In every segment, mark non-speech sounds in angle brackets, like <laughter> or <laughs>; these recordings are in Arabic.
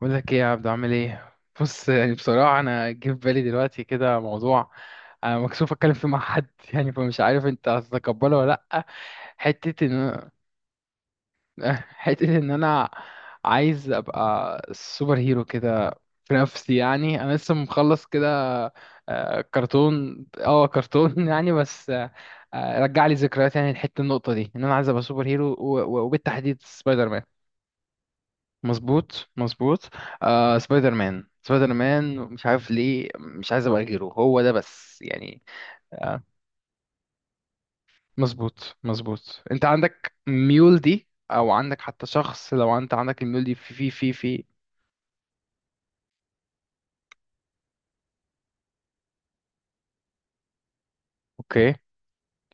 بقول لك ايه يا عبدو؟ عامل ايه؟ بص، يعني بصراحه انا جه في بالي دلوقتي كده موضوع انا مكسوف اتكلم فيه مع حد، <laughs> يعني فمش عارف انت هتتقبله ولا لا. حته ان <laughs> حته ان انا عايز ابقى سوبر هيرو كده في نفسي. يعني انا لسه مخلص كده كرتون كرتون. <laughs> يعني، بس رجع لي ذكريات. يعني الحته، النقطه دي، ان انا عايز ابقى سوبر هيرو وبالتحديد سبايدر مان. مظبوط مظبوط. آه، سبايدر مان سبايدر مان، مش عارف ليه مش عايز ابقى غيره، هو ده بس يعني. آه، مظبوط مظبوط. انت عندك ميول دي، او عندك حتى شخص لو انت عندك الميول دي في. اوكي،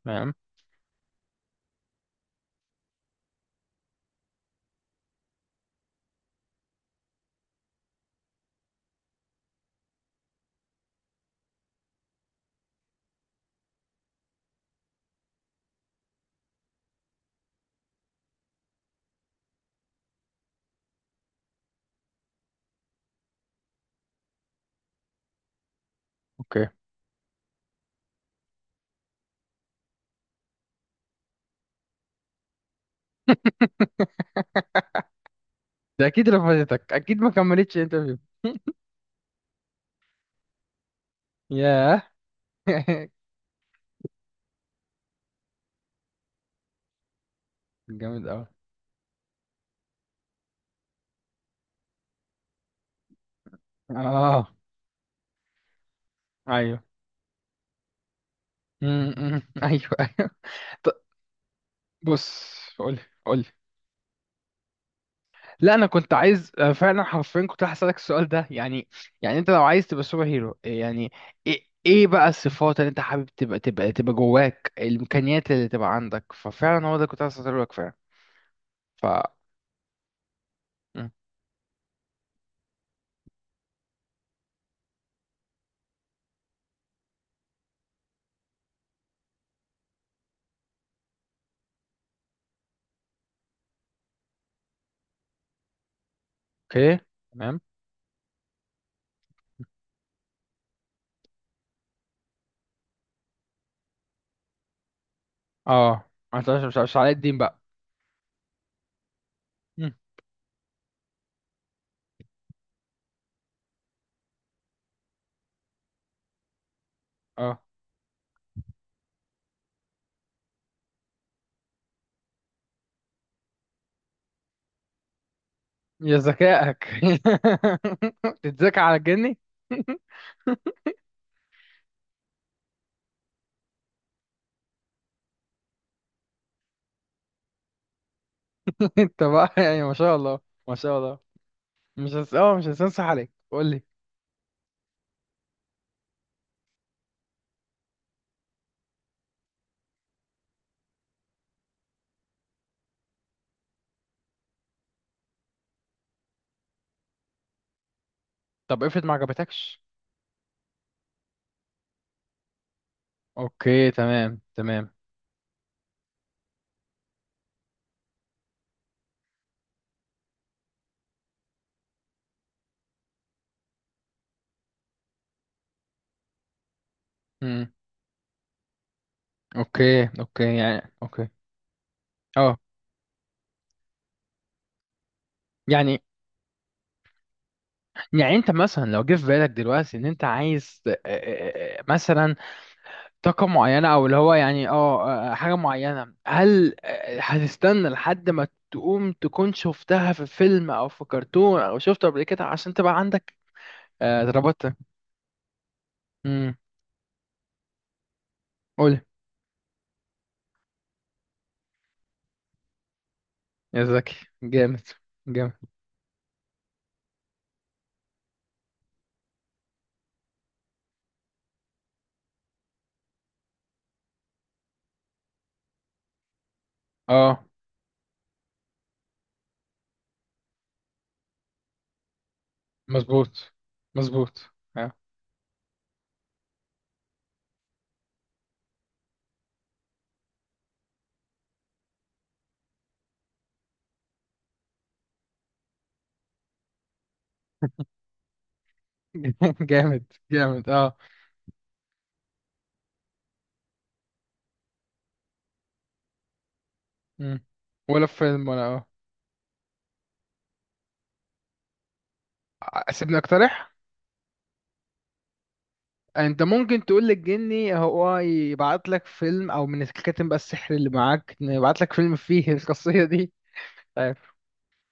تمام، اوكي. <laughs> ده اكيد رفضتك، اكيد ما كملتش انترفيو. <laughs> ياه. <laughs> جامد قوي. اه، ايوه. م- م. <laughs> ايوه ايوه. طب بص، قولي قولي. لا انا كنت عايز فعلا حرفيا كنت هسألك السؤال ده يعني. يعني انت لو عايز تبقى سوبر هيرو، يعني ايه، إيه بقى الصفات اللي انت حابب تبقى تبقى تبقى جواك، الامكانيات اللي تبقى عندك؟ ففعلا هو ده كنت عايز اسألك فعلا. ف م. اوكي، تمام. اه، انت مش علاء الدين بقى. م. اه، يا ذكائك. <laughs> تتذكى على الجني. <laughs> انت بقى يعني ما شاء الله، ما شاء الله. مش هس... اه مش هسنصح عليك. قول لي. طب، افرض ما عجبتكش. اوكي تمام تمام. امم، اوكي اوكي، يعني اوكي. اه، يعني. يعني انت مثلا لو جه في بالك دلوقتي ان انت عايز مثلا طاقة معينة، او اللي هو يعني حاجة معينة، هل هتستنى لحد ما تقوم تكون شفتها في فيلم او في كرتون او شفته قبل كده عشان تبقى عندك؟ ربطت. امم، قول. يا زكي، جامد جامد. اه، مظبوط مظبوط. آه. <laughs> جامد جامد. اه. مم. ولا فيلم ولا سيبني اقترح. انت ممكن تقول للجني هو يبعت لك فيلم، او من الكاتب بقى السحر اللي معاك يبعت لك فيلم فيه <laughs> القصية دي. طيب،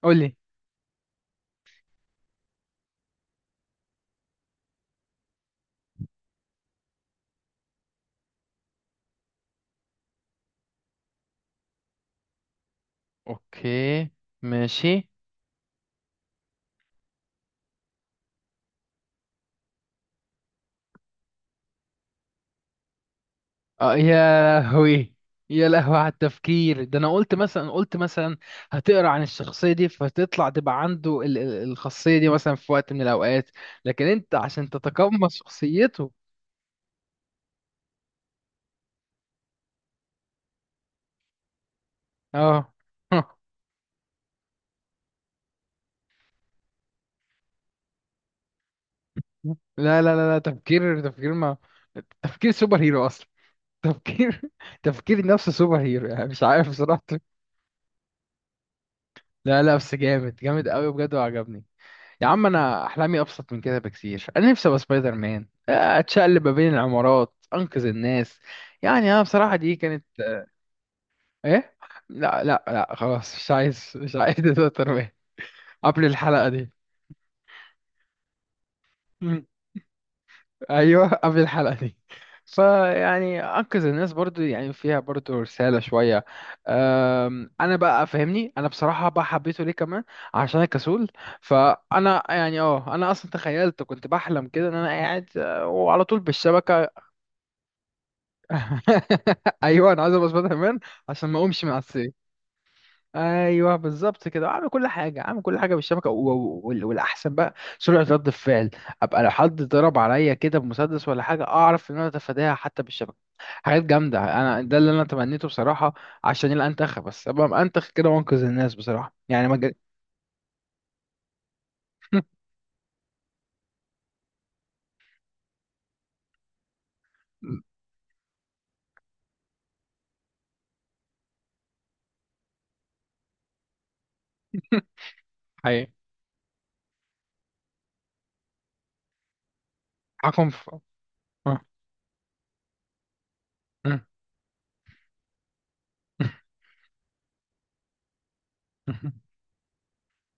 قول لي. اوكي، ماشي. اه، يا لهوي، يا لهوي على التفكير ده. انا قلت مثلا، قلت مثلا هتقرا عن الشخصيه دي فتطلع تبقى عنده الخاصيه دي مثلا في وقت من الاوقات، لكن انت عشان تتقمص شخصيته. اه. <laughs> لا لا لا لا، تفكير تفكير ما، تفكير سوبر هيرو. تفكير <laughs> تفكير نفس سوبر هيرو، يعني مش عارف بصراحة. لا لا، بس جامد جامد قوي بجد وعجبني. يا عم انا احلامي ابسط من كده بكتير. انا نفسي ابقى سبايدر مان، اتشقلب ما بين العمارات، انقذ الناس. يعني انا بصراحة دي كانت ايه؟ لا لا لا، خلاص مش عايز مش عايز <laughs> سبايدر مان قبل الحلقة دي. <laughs> ايوه، <laughs> قبل الحلقه دي. فيعني انقذ الناس، برضو يعني فيها برضو رساله شويه. انا بقى فاهمني، انا بصراحه بقى حبيته ليه كمان؟ عشان أنا كسول. فانا يعني اه انا اصلا تخيلت، كنت بحلم كده ان انا قاعد وعلى طول بالشبكه. <laughs> ايوه، انا عايز ابقى سبايدر مان عشان ما اقومش من على السرير. ايوه بالظبط كده، اعمل كل حاجه، اعمل كل حاجه بالشبكه. والاحسن بقى سرعه رد الفعل. ابقى لو حد ضرب عليا كده بمسدس ولا حاجه، اعرف ان انا اتفاداها حتى بالشبكه، حاجات جامده. انا ده اللي انا تمنيته بصراحه، عشان يبقى انتخ، بس ابقى انتخ كده وانقذ الناس. بصراحه يعني ما جا- <laughs> حقيقي. حكم في آه. <laughs>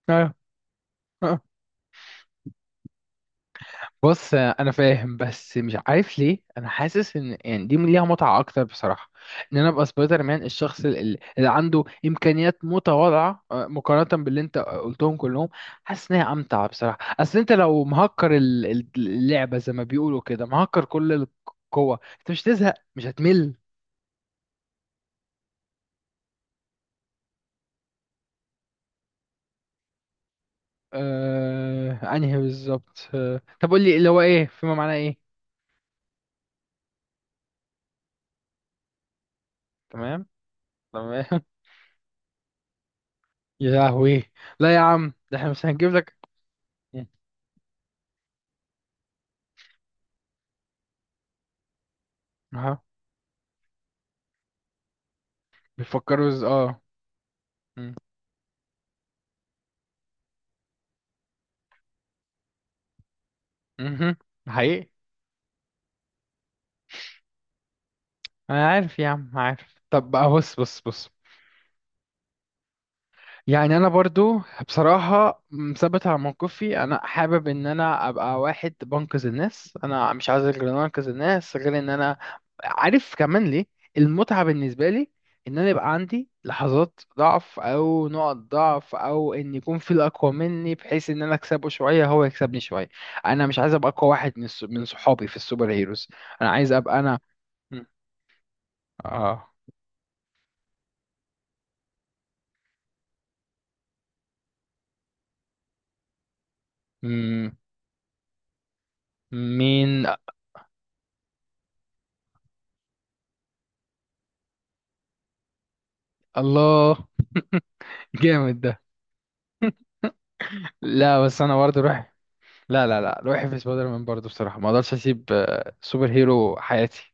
آه. آه. آه. بص انا فاهم، بس مش عارف ليه انا حاسس ان يعني دي ليها متعه اكتر بصراحه. ان انا ابقى سبايدر مان، الشخص اللي عنده امكانيات متواضعه مقارنه باللي انت قلتهم كلهم. حاسس ان هي امتع بصراحه. اصل انت لو مهكر اللعبه، زي ما بيقولوا كده، مهكر كل القوه، انت مش هتزهق، مش هتمل. آه، انهي بالظبط؟ آه، طب قول لي اللي هو ايه فيما معناه ايه؟ تمام تمام. <laughs> يا لهوي، لا يا عم، ده احنا مش هنجيب لك. بيفكروا از، اه. مم. مهم. حقيقي. انا عارف يا عم، عارف. طب بقى بص بص بص. يعني انا برضو بصراحة مثبت على موقفي، انا حابب ان انا ابقى واحد بنقذ الناس. انا مش عايز غير ان انا انقذ الناس، غير ان انا عارف كمان ليه المتعة بالنسبة لي؟ ان انا يبقى عندي لحظات ضعف، او نقط ضعف، او ان يكون في الاقوى مني، بحيث ان انا اكسبه شوية هو يكسبني شوية. انا مش عايز ابقى اقوى واحد من صحابي في السوبر هيروز، انا عايز ابقى انا. مم. اه. مم. مين؟ الله، جامد ده. لا بس انا برضه روحي، لا لا لا، روحي في سبايدر مان برضه بصراحه، ما اقدرش اسيب سوبر هيرو حياتي.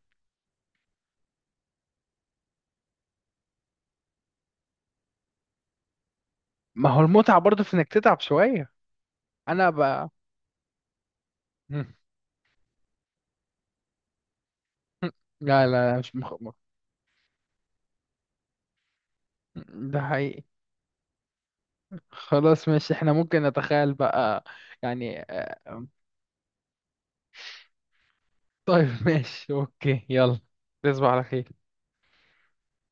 ما هو المتعه برضه في انك تتعب شويه. انا بقى مم. <laughs> لا لا، مش مخ... مخ- ده حقيقي. خلاص ماشي، احنا ممكن نتخيل بقى، يعني طيب <laughs> ماشي، اوكي، يلا، تصبح على خير.